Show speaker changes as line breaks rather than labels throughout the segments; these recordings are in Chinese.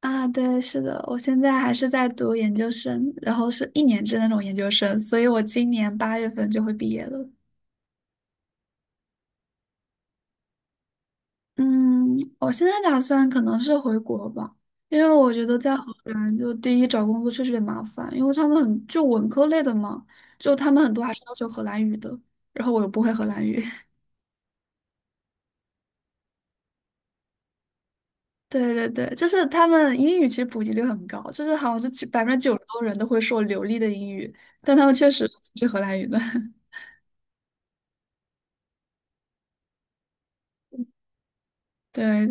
啊，对，是的，我现在还是在读研究生，然后是一年制那种研究生，所以我今年8月份就会毕业了。嗯，我现在打算可能是回国吧，因为我觉得在荷兰就第一找工作确实有点麻烦，因为他们很就文科类的嘛，就他们很多还是要求荷兰语的，然后我又不会荷兰语。对对对，就是他们英语其实普及率很高，就是好像是90%多人都会说流利的英语，但他们确实是荷兰语的。对，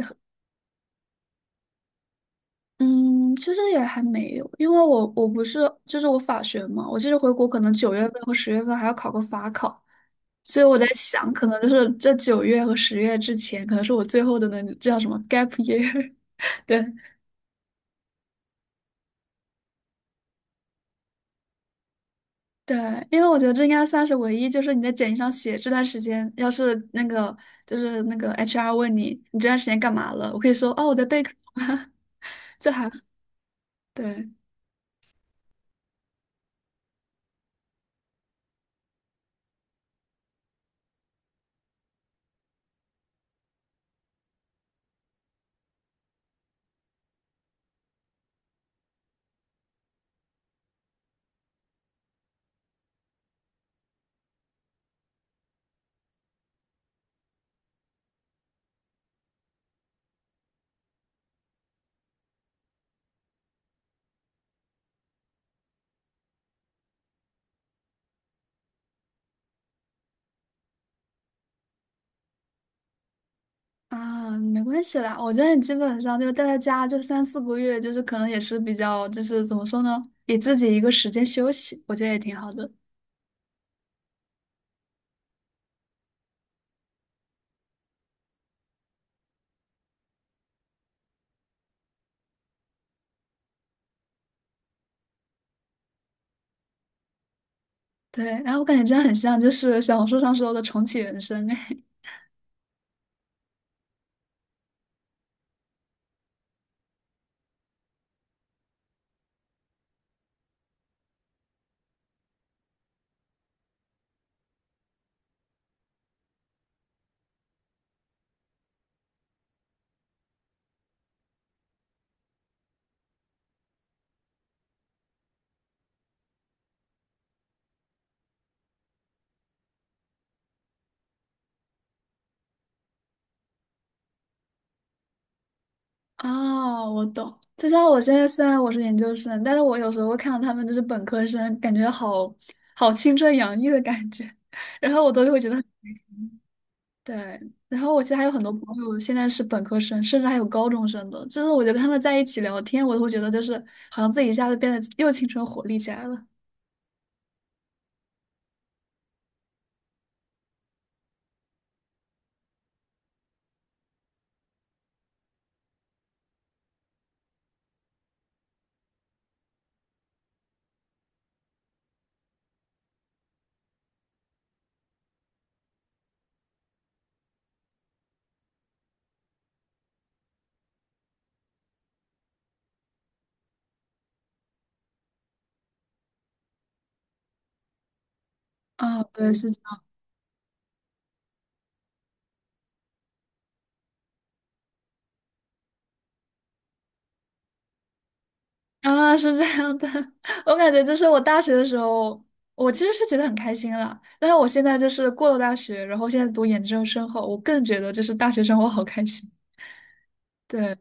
嗯，其实也还没有，因为我不是就是我法学嘛，我其实回国可能9月份和10月份还要考个法考，所以我在想，可能就是这九月和十月之前，可能是我最后的那这叫什么 gap year，对对，因为我觉得这应该算是唯一，就是你在简历上写这段时间，要是那个就是那个 HR 问你这段时间干嘛了，我可以说哦我在备考，这还对。啊，没关系啦，我觉得你基本上就是待在家就3、4个月，就是可能也是比较，就是怎么说呢，给自己一个时间休息，我觉得也挺好的。对，然后我感觉这样很像就是小红书上说的重启人生，哎。哦，我懂。就像我现在虽然我是研究生，但是我有时候会看到他们就是本科生，感觉好青春洋溢的感觉，然后我都会觉得。对，然后我其实还有很多朋友现在是本科生，甚至还有高中生的，就是我觉得跟他们在一起聊天，我都会觉得就是好像自己一下子变得又青春活力起来了。啊，对，是这样。啊，是这样的，我感觉就是我大学的时候，我其实是觉得很开心啦。但是我现在就是过了大学，然后现在读研究生后，我更觉得就是大学生活好开心。对，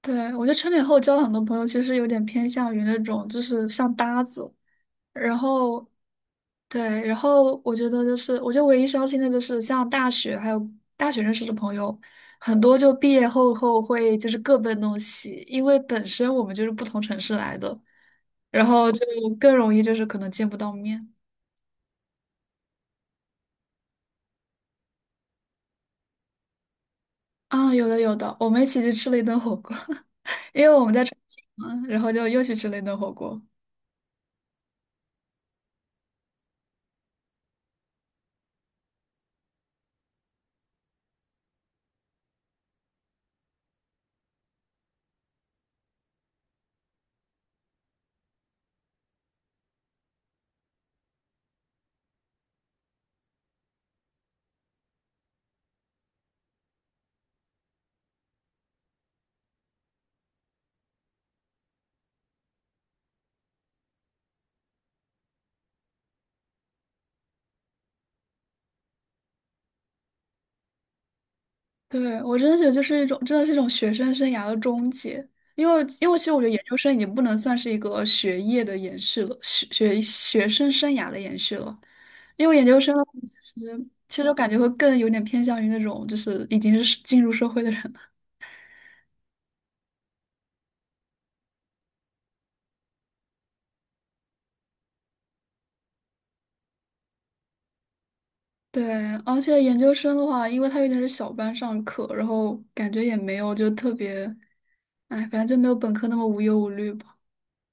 对，我觉得成年后交了很多朋友，其实有点偏向于那种就是像搭子，然后对，然后我觉得就是，我觉得唯一伤心的就是像大学还有大学认识的朋友，很多就毕业后会就是各奔东西，因为本身我们就是不同城市来的，然后就更容易就是可能见不到面啊。有的有的，我们一起去吃了一顿火锅，因为我们在重庆嘛，然后就又去吃了一顿火锅。对，我真的觉得就是一种，真的是一种学生生涯的终结。因为其实我觉得研究生已经不能算是一个学业的延续了，学生生涯的延续了。因为研究生的话其实我感觉会更有点偏向于那种就是已经是进入社会的人了。对，而且研究生的话，因为他有点是小班上课，然后感觉也没有就特别，哎，反正就没有本科那么无忧无虑。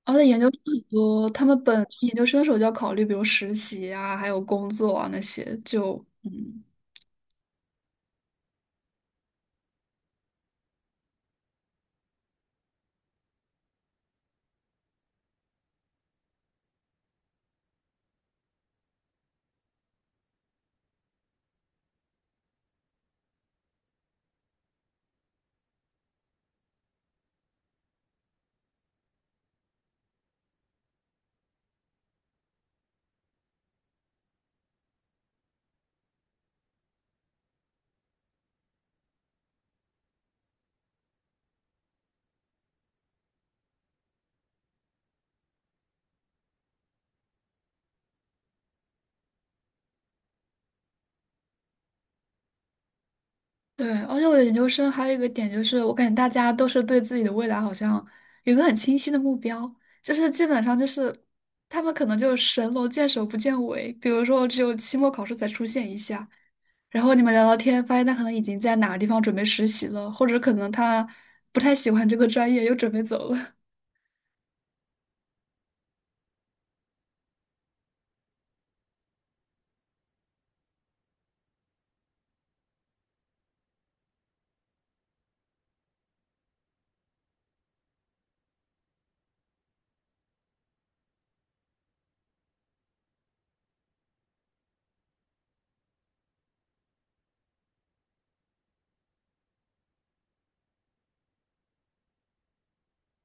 而且研究生很多，他们本研究生的时候就要考虑，比如实习啊，还有工作啊那些，就嗯，对。而且我觉得研究生还有一个点就是，我感觉大家都是对自己的未来好像有个很清晰的目标，就是基本上就是他们可能就是神龙见首不见尾，比如说只有期末考试才出现一下，然后你们聊聊天，发现他可能已经在哪个地方准备实习了，或者可能他不太喜欢这个专业，又准备走了。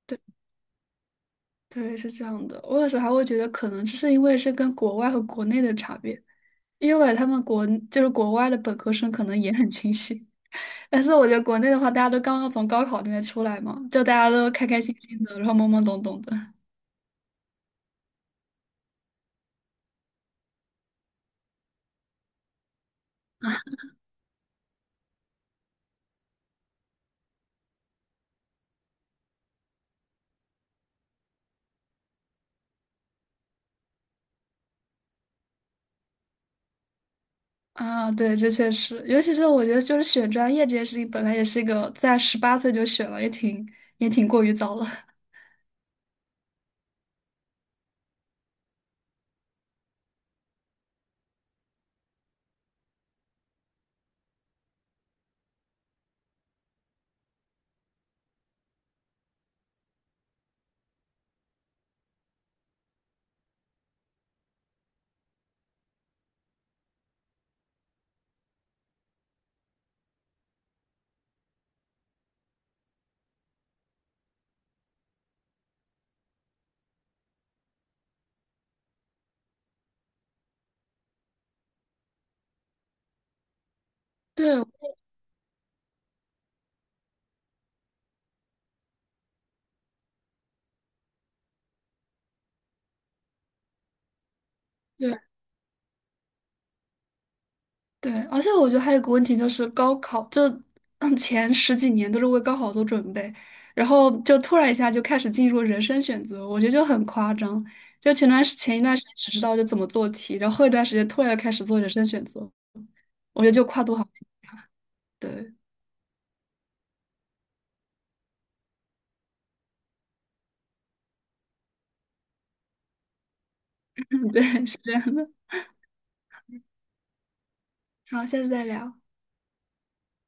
对。对，是这样的。我有时候还会觉得，可能是因为是跟国外和国内的差别，因为我感觉他们就是国外的本科生可能也很清醒，但是我觉得国内的话，大家都刚刚从高考里面出来嘛，就大家都开开心心的，然后懵懵懂懂的。啊，对，这确实，尤其是我觉得，就是选专业这件事情，本来也是一个在18岁就选了，也挺过于早了。对对，对，而且我觉得还有个问题就是高考，就嗯前十几年都是为高考做准备，然后就突然一下就开始进入人生选择，我觉得就很夸张。就前一段时间只知道就怎么做题，然后后一段时间突然就开始做人生选择，我觉得就跨度好，对，对，是这样的。好，下次再聊。